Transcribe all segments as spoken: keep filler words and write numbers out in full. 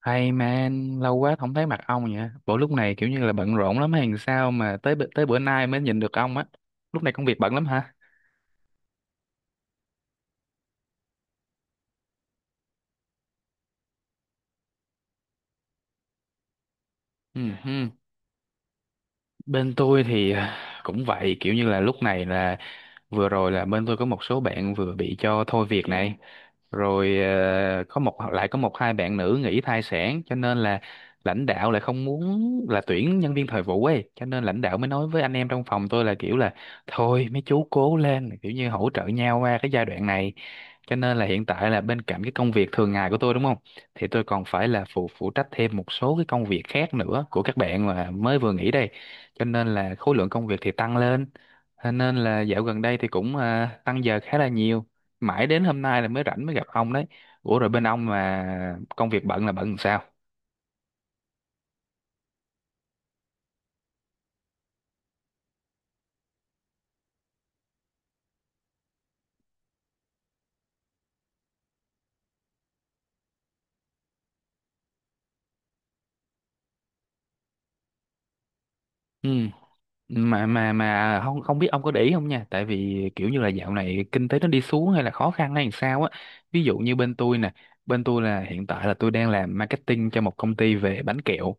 Hay man, lâu quá không thấy mặt ông nhỉ? Bộ lúc này kiểu như là bận rộn lắm hay sao mà tới bữa- tới bữa nay mới nhìn được ông á. Lúc này công việc bận lắm hả? Ừ, hừ. Bên tôi thì à, cũng vậy, kiểu như là lúc này là vừa rồi là bên tôi có một số bạn vừa bị cho thôi việc này. Rồi ờ, có một lại có một hai bạn nữ nghỉ thai sản, cho nên là lãnh đạo lại không muốn là tuyển nhân viên thời vụ ấy, cho nên lãnh đạo mới nói với anh em trong phòng tôi là kiểu là thôi mấy chú cố lên, kiểu như hỗ trợ nhau qua cái giai đoạn này. Cho nên là hiện tại là bên cạnh cái công việc thường ngày của tôi, đúng không, thì tôi còn phải là phụ phụ trách thêm một số cái công việc khác nữa của các bạn mà mới vừa nghỉ đây. Cho nên là khối lượng công việc thì tăng lên. Thế nên là dạo gần đây thì cũng ờ, tăng giờ khá là nhiều, mãi đến hôm nay là mới rảnh mới gặp ông đấy. Ủa rồi bên ông mà công việc bận là bận làm sao? Ừ, mà mà mà không không biết ông có để ý không nha, tại vì kiểu như là dạo này kinh tế nó đi xuống hay là khó khăn hay làm sao á. Ví dụ như bên tôi nè, bên tôi là hiện tại là tôi đang làm marketing cho một công ty về bánh kẹo.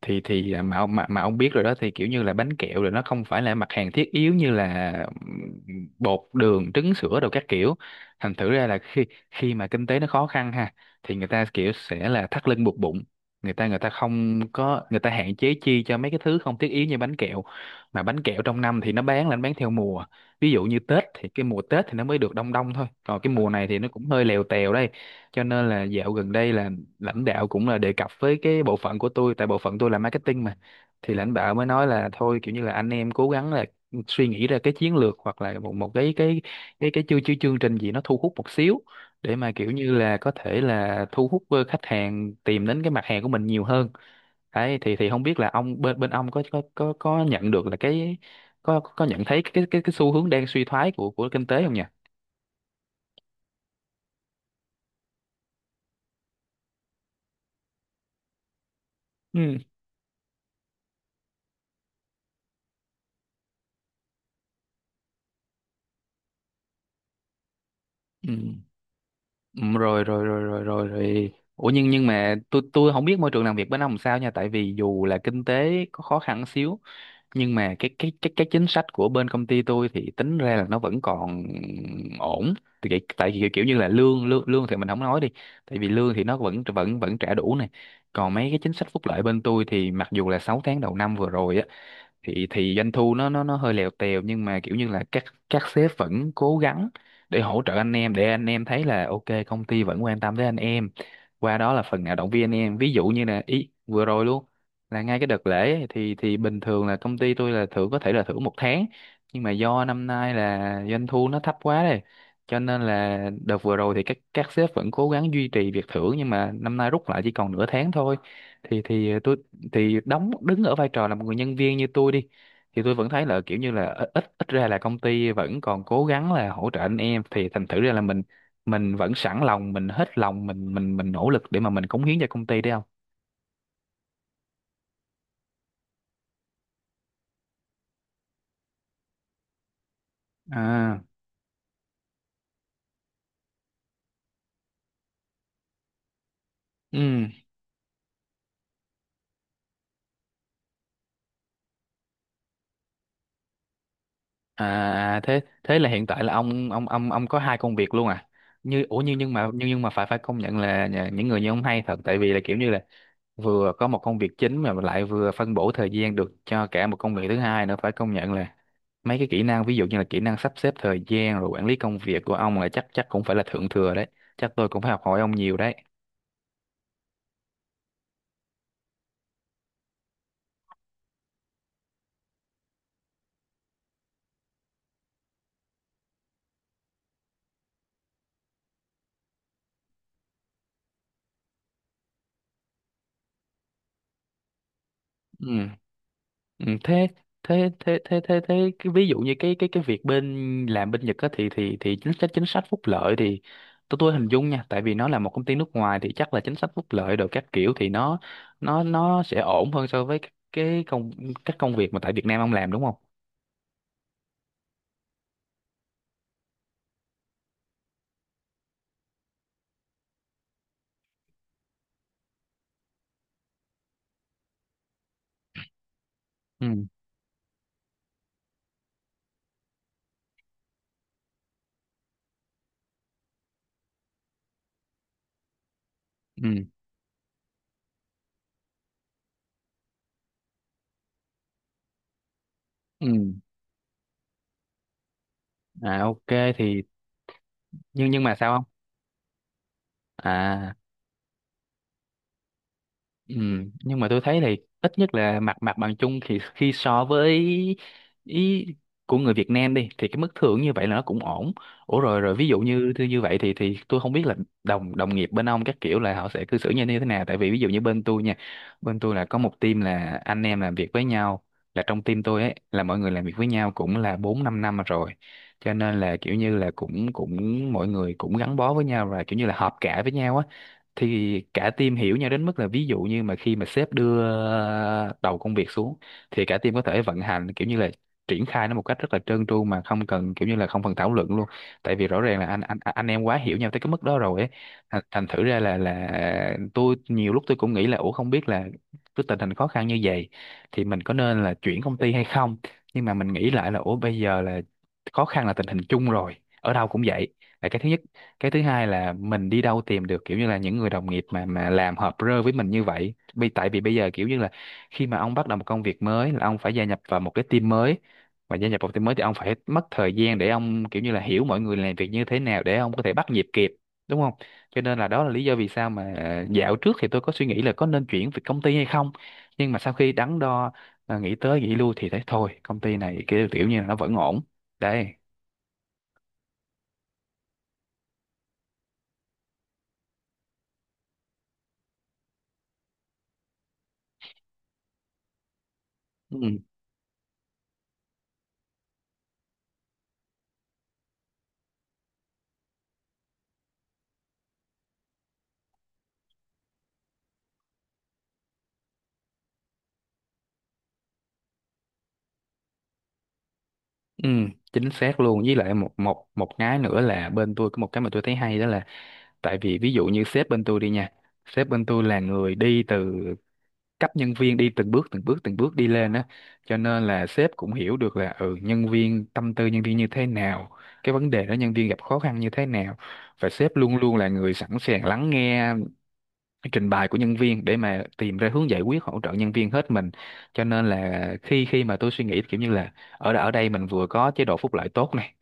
Thì thì à, mà ông mà, mà ông biết rồi đó, thì kiểu như là bánh kẹo rồi, nó không phải là mặt hàng thiết yếu như là ừm, bột đường trứng sữa đồ các kiểu. Thành thử ra là khi khi mà kinh tế nó khó khăn ha, thì người ta kiểu sẽ là thắt lưng buộc bụng, người ta người ta không có, người ta hạn chế chi cho mấy cái thứ không thiết yếu như bánh kẹo. Mà bánh kẹo trong năm thì nó bán là nó bán theo mùa, ví dụ như Tết, thì cái mùa Tết thì nó mới được đông đông thôi, còn cái mùa này thì nó cũng hơi lèo tèo đây. Cho nên là dạo gần đây là lãnh đạo cũng là đề cập với cái bộ phận của tôi, tại bộ phận tôi là marketing mà. Thì lãnh đạo mới nói là thôi kiểu như là anh em cố gắng là suy nghĩ ra cái chiến lược, hoặc là một một cái cái cái cái chương chương chương trình gì nó thu hút một xíu, để mà kiểu như là có thể là thu hút ờ, khách hàng tìm đến cái mặt hàng của mình nhiều hơn đấy. thì thì không biết là ông bên bên ông có có có có nhận được là cái có có nhận thấy cái cái cái xu hướng đang suy thoái của của kinh tế không nhỉ? Ừ. Ừ. Ừ, rồi rồi rồi rồi rồi rồi ủa nhưng nhưng mà tôi tôi không biết môi trường làm việc bên ông sao nha, tại vì dù là kinh tế có khó khăn xíu, nhưng mà cái cái cái cái chính sách của bên công ty tôi thì tính ra là nó vẫn còn ổn. Thì cái- tại vì kiểu như là lương lương lương thì mình không nói đi, tại vì lương thì nó vẫn vẫn vẫn trả đủ này. Còn mấy cái chính sách phúc lợi bên tôi thì mặc dù là sáu tháng đầu năm vừa rồi á, thì thì doanh thu nó nó nó hơi lèo tèo, nhưng mà kiểu như là các các sếp vẫn cố gắng để hỗ trợ anh em, để anh em thấy là ok, công ty vẫn quan tâm tới anh em, qua đó là phần nào động viên anh em. Ví dụ như là ý vừa rồi luôn, là ngay cái đợt lễ ấy, thì thì bình thường là công ty tôi là thưởng, có thể là thưởng một tháng, nhưng mà do năm nay là doanh thu nó thấp quá đây, cho nên là đợt vừa rồi thì các các sếp vẫn cố gắng duy trì việc thưởng, nhưng mà năm nay rút lại chỉ còn nửa tháng thôi. Thì thì ờ, tôi thì đóng đứng ở vai trò là một người nhân viên như tôi đi, thì tôi vẫn thấy là kiểu như là ít ít ít ra là công ty vẫn còn cố gắng là hỗ trợ anh em, thì thành thử ra là mình mình vẫn sẵn lòng, mình hết lòng, mình mình mình nỗ lực để mà mình cống hiến cho công ty đấy, không? À. Ừ. À, à, thế thế là hiện tại là ông ông ông ông có hai công việc luôn à? Như ủa nhưng nhưng mà nhưng nhưng mà phải phải công nhận là nhà- những người như ông hay thật, tại vì là kiểu như là vừa có một công việc chính, mà lại vừa phân bổ thời gian được cho cả một công việc thứ hai nữa. Phải công nhận là mấy cái kỹ năng, ví dụ như là kỹ năng sắp xếp thời gian rồi quản lý công việc của ông là chắc chắc cũng phải là thượng thừa đấy. Chắc tôi cũng phải học hỏi ông nhiều đấy. Ừ. Ừ thế thế thế thế thế thế cái, ví dụ như cái cái cái việc bên làm bên Nhật á, thì thì thì chính sách chính sách phúc lợi thì tôi tôi hình dung nha, tại vì nó là một công ty nước ngoài thì chắc là chính sách phúc lợi rồi các kiểu thì nó nó nó sẽ ổn hơn so với các- cái công các công việc mà tại Việt Nam ông làm, đúng không? Ừ. Ừ. Ừ. À, ok thì. Nhưng nhưng mà sao không? À. Ừ, nhưng mà tôi thấy thì ít nhất là mặt mặt bằng chung thì khi so với ý của người Việt Nam đi, thì cái mức thưởng như vậy là nó cũng ổn. Ủa rồi rồi, ví dụ như như như vậy thì thì tôi không biết là đồng đồng nghiệp bên ông các kiểu là họ sẽ cư xử như thế nào. Tại vì ví dụ như bên tôi nha, bên tôi là có một team là anh em làm việc với nhau, là trong team tôi ấy là mọi người làm việc với nhau cũng là bốn năm năm rồi. Cho nên là kiểu như là cũng cũng mọi người cũng gắn bó với nhau và kiểu như là hợp cả với nhau á. Thì cả team hiểu nhau đến mức là ví dụ như mà khi mà sếp đưa ờ, đầu công việc xuống, thì cả team có thể vận hành, kiểu như là triển khai nó một cách rất là trơn tru, mà không cần kiểu như là không cần thảo luận luôn. Tại vì rõ ràng là anh anh anh em quá hiểu nhau tới cái mức đó rồi ấy. Thành thành thử ra là là tôi nhiều lúc tôi cũng nghĩ là ủa không biết là cái tình hình khó khăn như vậy thì mình có nên là chuyển công ty hay không. Nhưng mà mình nghĩ lại là ủa bây giờ là khó khăn là tình hình chung rồi, ở đâu cũng vậy, là cái thứ nhất. Cái thứ hai là mình đi đâu tìm được kiểu như là những người đồng nghiệp mà mà làm hợp rơ với mình như vậy, vì tại vì bây giờ kiểu như là khi mà ông bắt đầu một công việc mới là ông phải gia nhập vào một cái team mới, và gia nhập vào team mới thì ông phải mất thời gian để ông kiểu như là hiểu mọi người làm việc như thế nào để ông có thể bắt nhịp kịp, đúng không? Cho nên là đó là lý do vì sao mà ờ, dạo trước thì tôi có suy nghĩ là có nên chuyển việc công ty hay không. Nhưng mà sau khi đắn đo, ờ, nghĩ tới nghĩ lui thì thấy thôi công ty này kiểu, kiểu như là nó vẫn ổn đấy. Ừ, chính xác luôn. Với lại một một một cái nữa là bên tôi có một cái mà tôi thấy hay, đó là tại vì ví dụ như sếp bên tôi đi nha, sếp bên tôi là người đi từ cấp nhân viên, đi từng bước từng bước từng bước đi lên á. Cho nên là sếp cũng hiểu được là ừ nhân viên, tâm tư nhân viên như thế nào, cái vấn đề đó nhân viên gặp khó khăn như thế nào, và sếp luôn luôn là người sẵn sàng lắng nghe trình bày của nhân viên để mà tìm ra hướng giải quyết hỗ trợ nhân viên hết mình, cho nên là khi khi mà tôi suy nghĩ kiểu như là ở ở đây mình vừa có chế độ phúc lợi tốt này,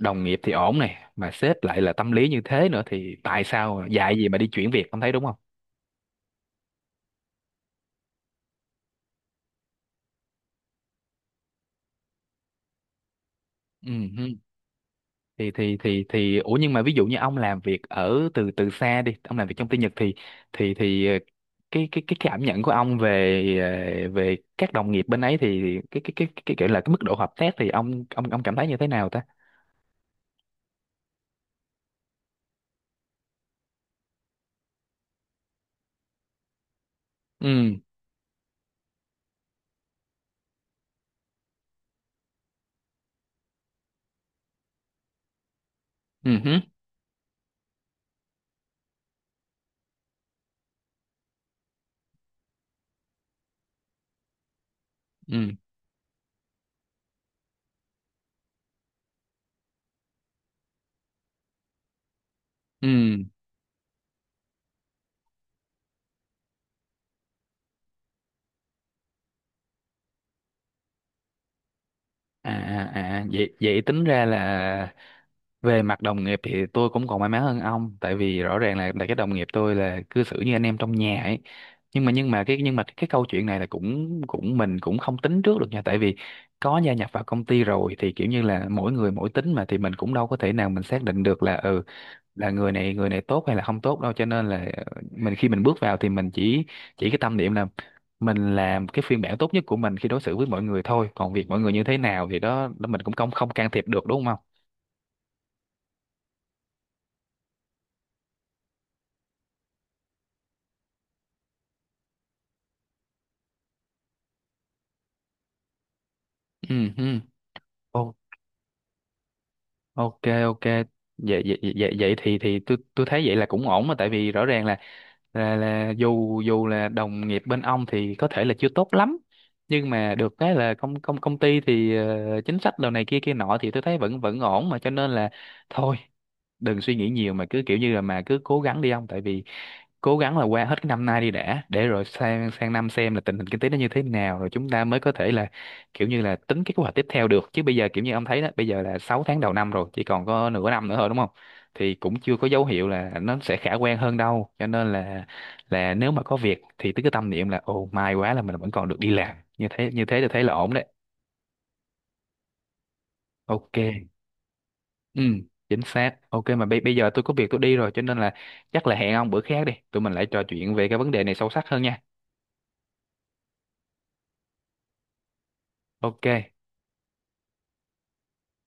đồng nghiệp thì ổn này, mà sếp lại là tâm lý như thế nữa thì tại sao dạy gì mà đi chuyển việc, ông thấy đúng không? Ừ hứ. Thì thì thì thì Ủa, nhưng mà ví dụ như ông làm việc ở từ từ xa đi, ông làm việc trong tư nhật thì thì thì ờ, cái cái cái cảm nhận của ông về ờ, về các đồng nghiệp bên ấy, thì cái cái cái cái, cái, cái là cái mức độ hợp tác thì ông ông ông cảm thấy như thế nào ta? Ừ ừ hứ, ừ ừ, à à à, vậy vậy tính ra là về mặt đồng nghiệp thì tôi cũng còn may mắn hơn ông, tại vì rõ ràng là là cái đồng nghiệp tôi là cư xử như anh em trong nhà ấy. Nhưng mà nhưng mà cái nhưng mà cái câu chuyện này là cũng cũng mình cũng không tính trước được nha, tại vì có gia nhập vào công ty rồi thì kiểu như là mỗi người mỗi tính mà, thì mình cũng đâu có thể nào mình xác định được là ừ là người này người này tốt hay là không tốt đâu, cho nên là mình khi mình bước vào thì mình chỉ chỉ cái tâm niệm là mình làm cái phiên bản tốt nhất của mình khi đối xử với mọi người thôi, còn việc mọi người như thế nào thì đó, đó mình cũng không không can thiệp được, đúng không? Ừ ừ. Ô- ok ok, vậy vậy vậy, vậy thì thì tôi tôi thấy vậy là cũng ổn mà, tại vì rõ ràng là là là dù dù là đồng nghiệp bên ông thì có thể là chưa tốt lắm, nhưng mà được cái là công công công ty thì ờ, chính sách đồ này kia kia nọ thì tôi thấy vẫn vẫn ổn mà, cho nên là thôi, đừng suy nghĩ nhiều mà cứ kiểu như là mà cứ cố gắng đi ông, tại vì cố gắng là qua hết cái năm nay đi đã, để rồi sang sang năm xem là tình hình kinh tế nó như thế nào rồi chúng ta mới có thể là kiểu như là tính cái kế hoạch tiếp theo được, chứ bây giờ kiểu như ông thấy đó, bây giờ là sáu tháng đầu năm rồi chỉ còn có nửa năm nữa thôi, đúng không? Thì cũng chưa có dấu hiệu là nó sẽ khả quan hơn đâu, cho nên là là nếu mà có việc thì cứ tâm niệm là ồ may quá là mình vẫn còn được đi làm, như thế như thế thì thấy là ổn đấy. Ok. Ừ, chính xác. Ok mà bây bây giờ tôi có việc tôi đi rồi, cho nên là chắc là hẹn ông bữa khác đi. Tụi mình lại trò chuyện về cái vấn đề này sâu sắc hơn nha. Ok.